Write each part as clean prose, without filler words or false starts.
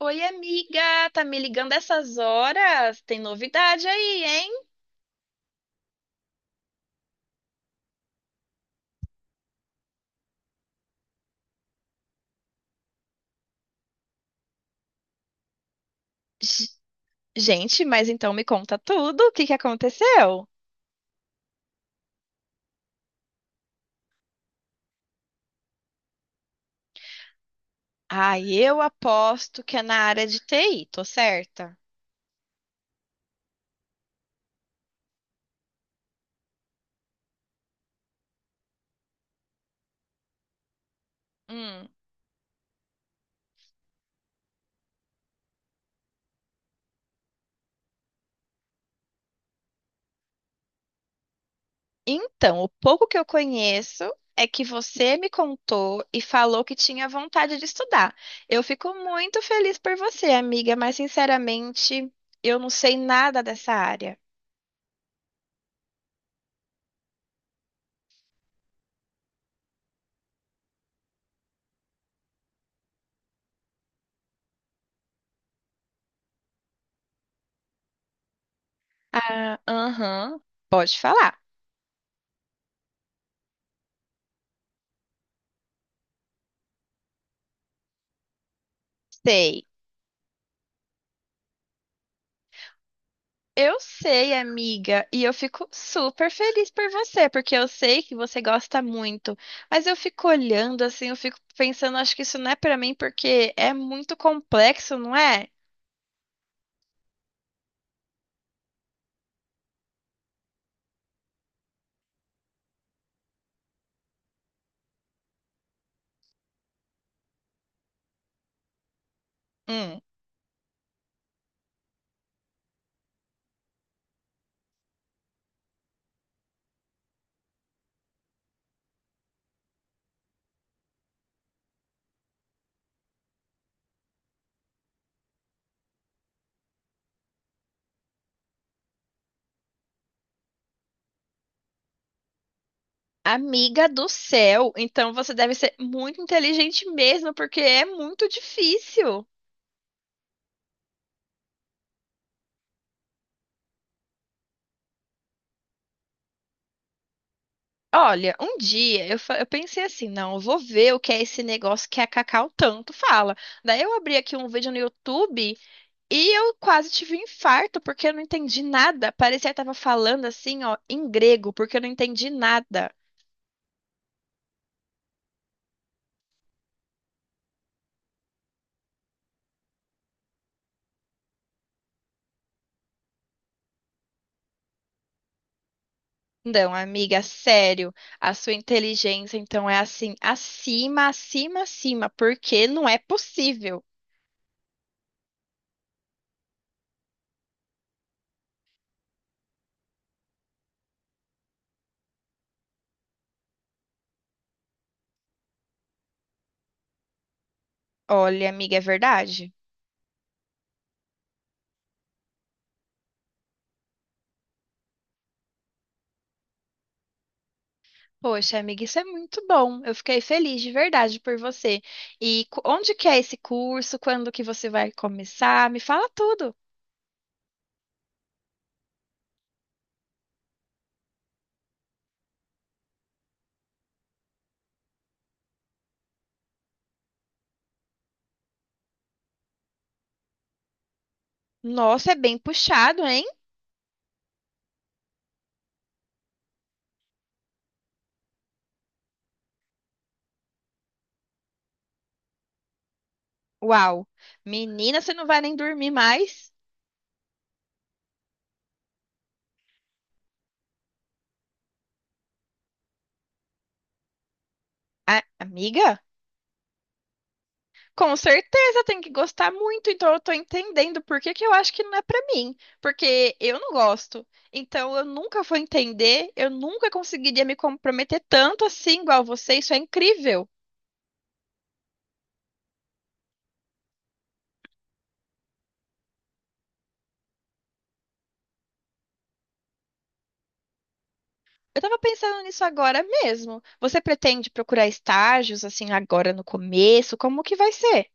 Oi, amiga, tá me ligando essas horas? Tem novidade aí, hein? G- Gente, mas então me conta tudo, o que que aconteceu? Ah, eu aposto que é na área de TI, tô certa? Hum. Então, o pouco que eu conheço é que você me contou e falou que tinha vontade de estudar. Eu fico muito feliz por você, amiga, mas sinceramente, eu não sei nada dessa área. Ah, aham, pode falar. Sei. Eu sei, amiga, e eu fico super feliz por você, porque eu sei que você gosta muito. Mas eu fico olhando assim, eu fico pensando, acho que isso não é pra mim porque é muito complexo, não é? Hum. Amiga do céu, então você deve ser muito inteligente mesmo, porque é muito difícil. Olha, um dia eu pensei assim, não, eu vou ver o que é esse negócio que a Cacau tanto fala. Daí eu abri aqui um vídeo no YouTube. E eu quase tive um infarto porque eu não entendi nada. Parecia que tava falando assim, ó, em grego, porque eu não entendi nada. Não, amiga, sério, a sua inteligência então é assim, acima, acima, acima, porque não é possível. Olha, amiga, é verdade? Poxa, amiga, isso é muito bom. Eu fiquei feliz de verdade por você. E onde que é esse curso? Quando que você vai começar? Me fala tudo. Nossa, é bem puxado, hein? Uau. Menina, você não vai nem dormir mais? Amiga? Com certeza tem que gostar muito, então eu tô entendendo por que que eu acho que não é pra mim, porque eu não gosto. Então eu nunca vou entender, eu nunca conseguiria me comprometer tanto assim igual você, isso é incrível. Eu tava pensando nisso agora mesmo. Você pretende procurar estágios assim agora no começo? Como que vai ser?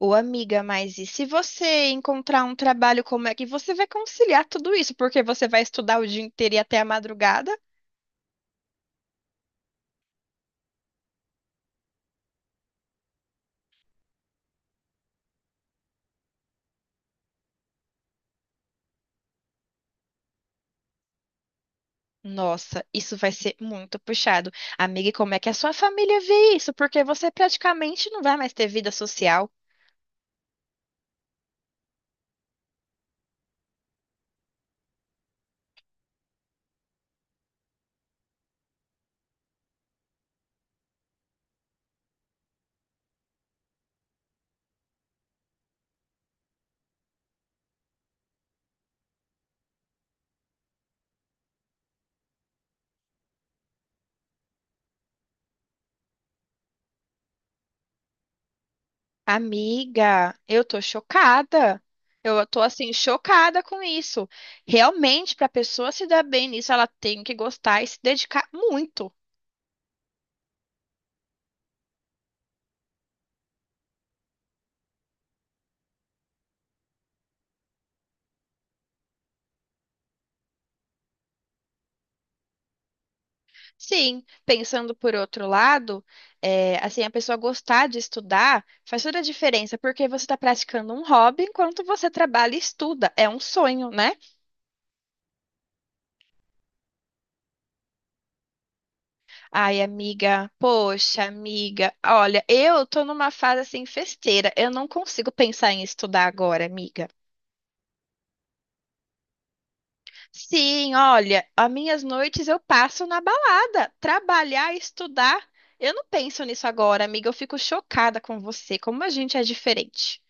Ô, amiga, mas e se você encontrar um trabalho, como é que você vai conciliar tudo isso? Porque você vai estudar o dia inteiro e até a madrugada? Nossa, isso vai ser muito puxado. Amiga, e como é que a sua família vê isso? Porque você praticamente não vai mais ter vida social. Amiga, eu tô chocada. Eu tô assim, chocada com isso. Realmente, para a pessoa se dar bem nisso, ela tem que gostar e se dedicar muito. Sim, pensando por outro lado, é, assim, a pessoa gostar de estudar faz toda a diferença, porque você está praticando um hobby enquanto você trabalha e estuda. É um sonho, né? Ai, amiga, poxa, amiga, olha, eu tô numa fase assim festeira, eu não consigo pensar em estudar agora, amiga. Sim, olha, as minhas noites eu passo na balada, trabalhar, estudar. Eu não penso nisso agora, amiga, eu fico chocada com você, como a gente é diferente.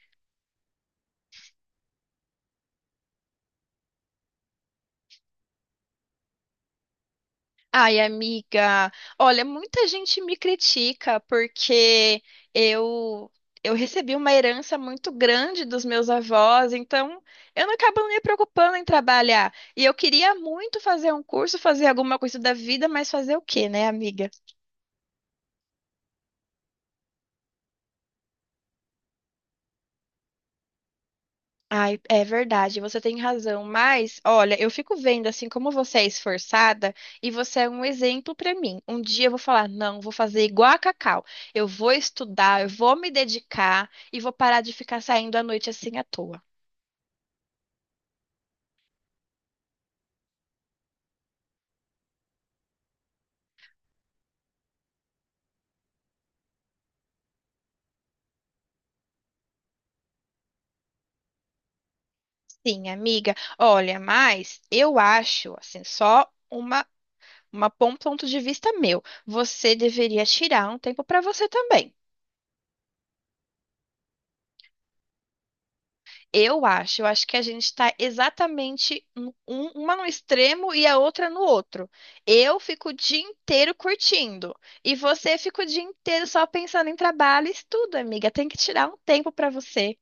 Ai, amiga, olha, muita gente me critica porque eu eu recebi uma herança muito grande dos meus avós, então eu não acabo me preocupando em trabalhar. E eu queria muito fazer um curso, fazer alguma coisa da vida, mas fazer o quê, né, amiga? Ai, é verdade, você tem razão, mas olha, eu fico vendo assim como você é esforçada e você é um exemplo para mim. Um dia eu vou falar, não, vou fazer igual a Cacau. Eu vou estudar, eu vou me dedicar e vou parar de ficar saindo à noite assim à toa. Sim, amiga. Olha, mas eu acho assim, só uma um ponto de vista meu. Você deveria tirar um tempo para você também. Eu acho que a gente está exatamente uma no extremo e a outra no outro. Eu fico o dia inteiro curtindo e você fica o dia inteiro só pensando em trabalho e estudo, amiga. Tem que tirar um tempo para você.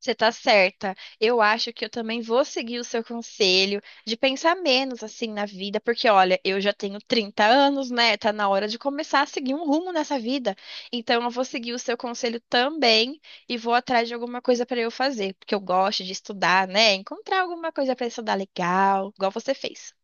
Você tá certa. Eu acho que eu também vou seguir o seu conselho de pensar menos assim na vida, porque olha, eu já tenho 30 anos, né? Tá na hora de começar a seguir um rumo nessa vida. Então eu vou seguir o seu conselho também e vou atrás de alguma coisa pra eu fazer, porque eu gosto de estudar, né? Encontrar alguma coisa pra estudar legal, igual você fez.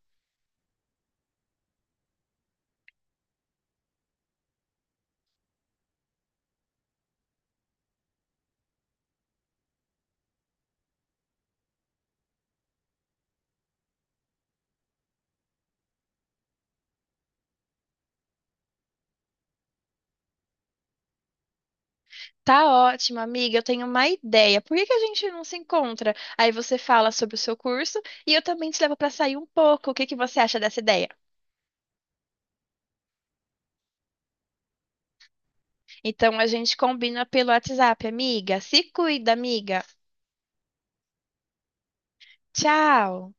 Tá ótimo, amiga. Eu tenho uma ideia. Por que que a gente não se encontra? Aí você fala sobre o seu curso e eu também te levo pra sair um pouco. O que que você acha dessa ideia? Então a gente combina pelo WhatsApp, amiga. Se cuida, amiga. Tchau.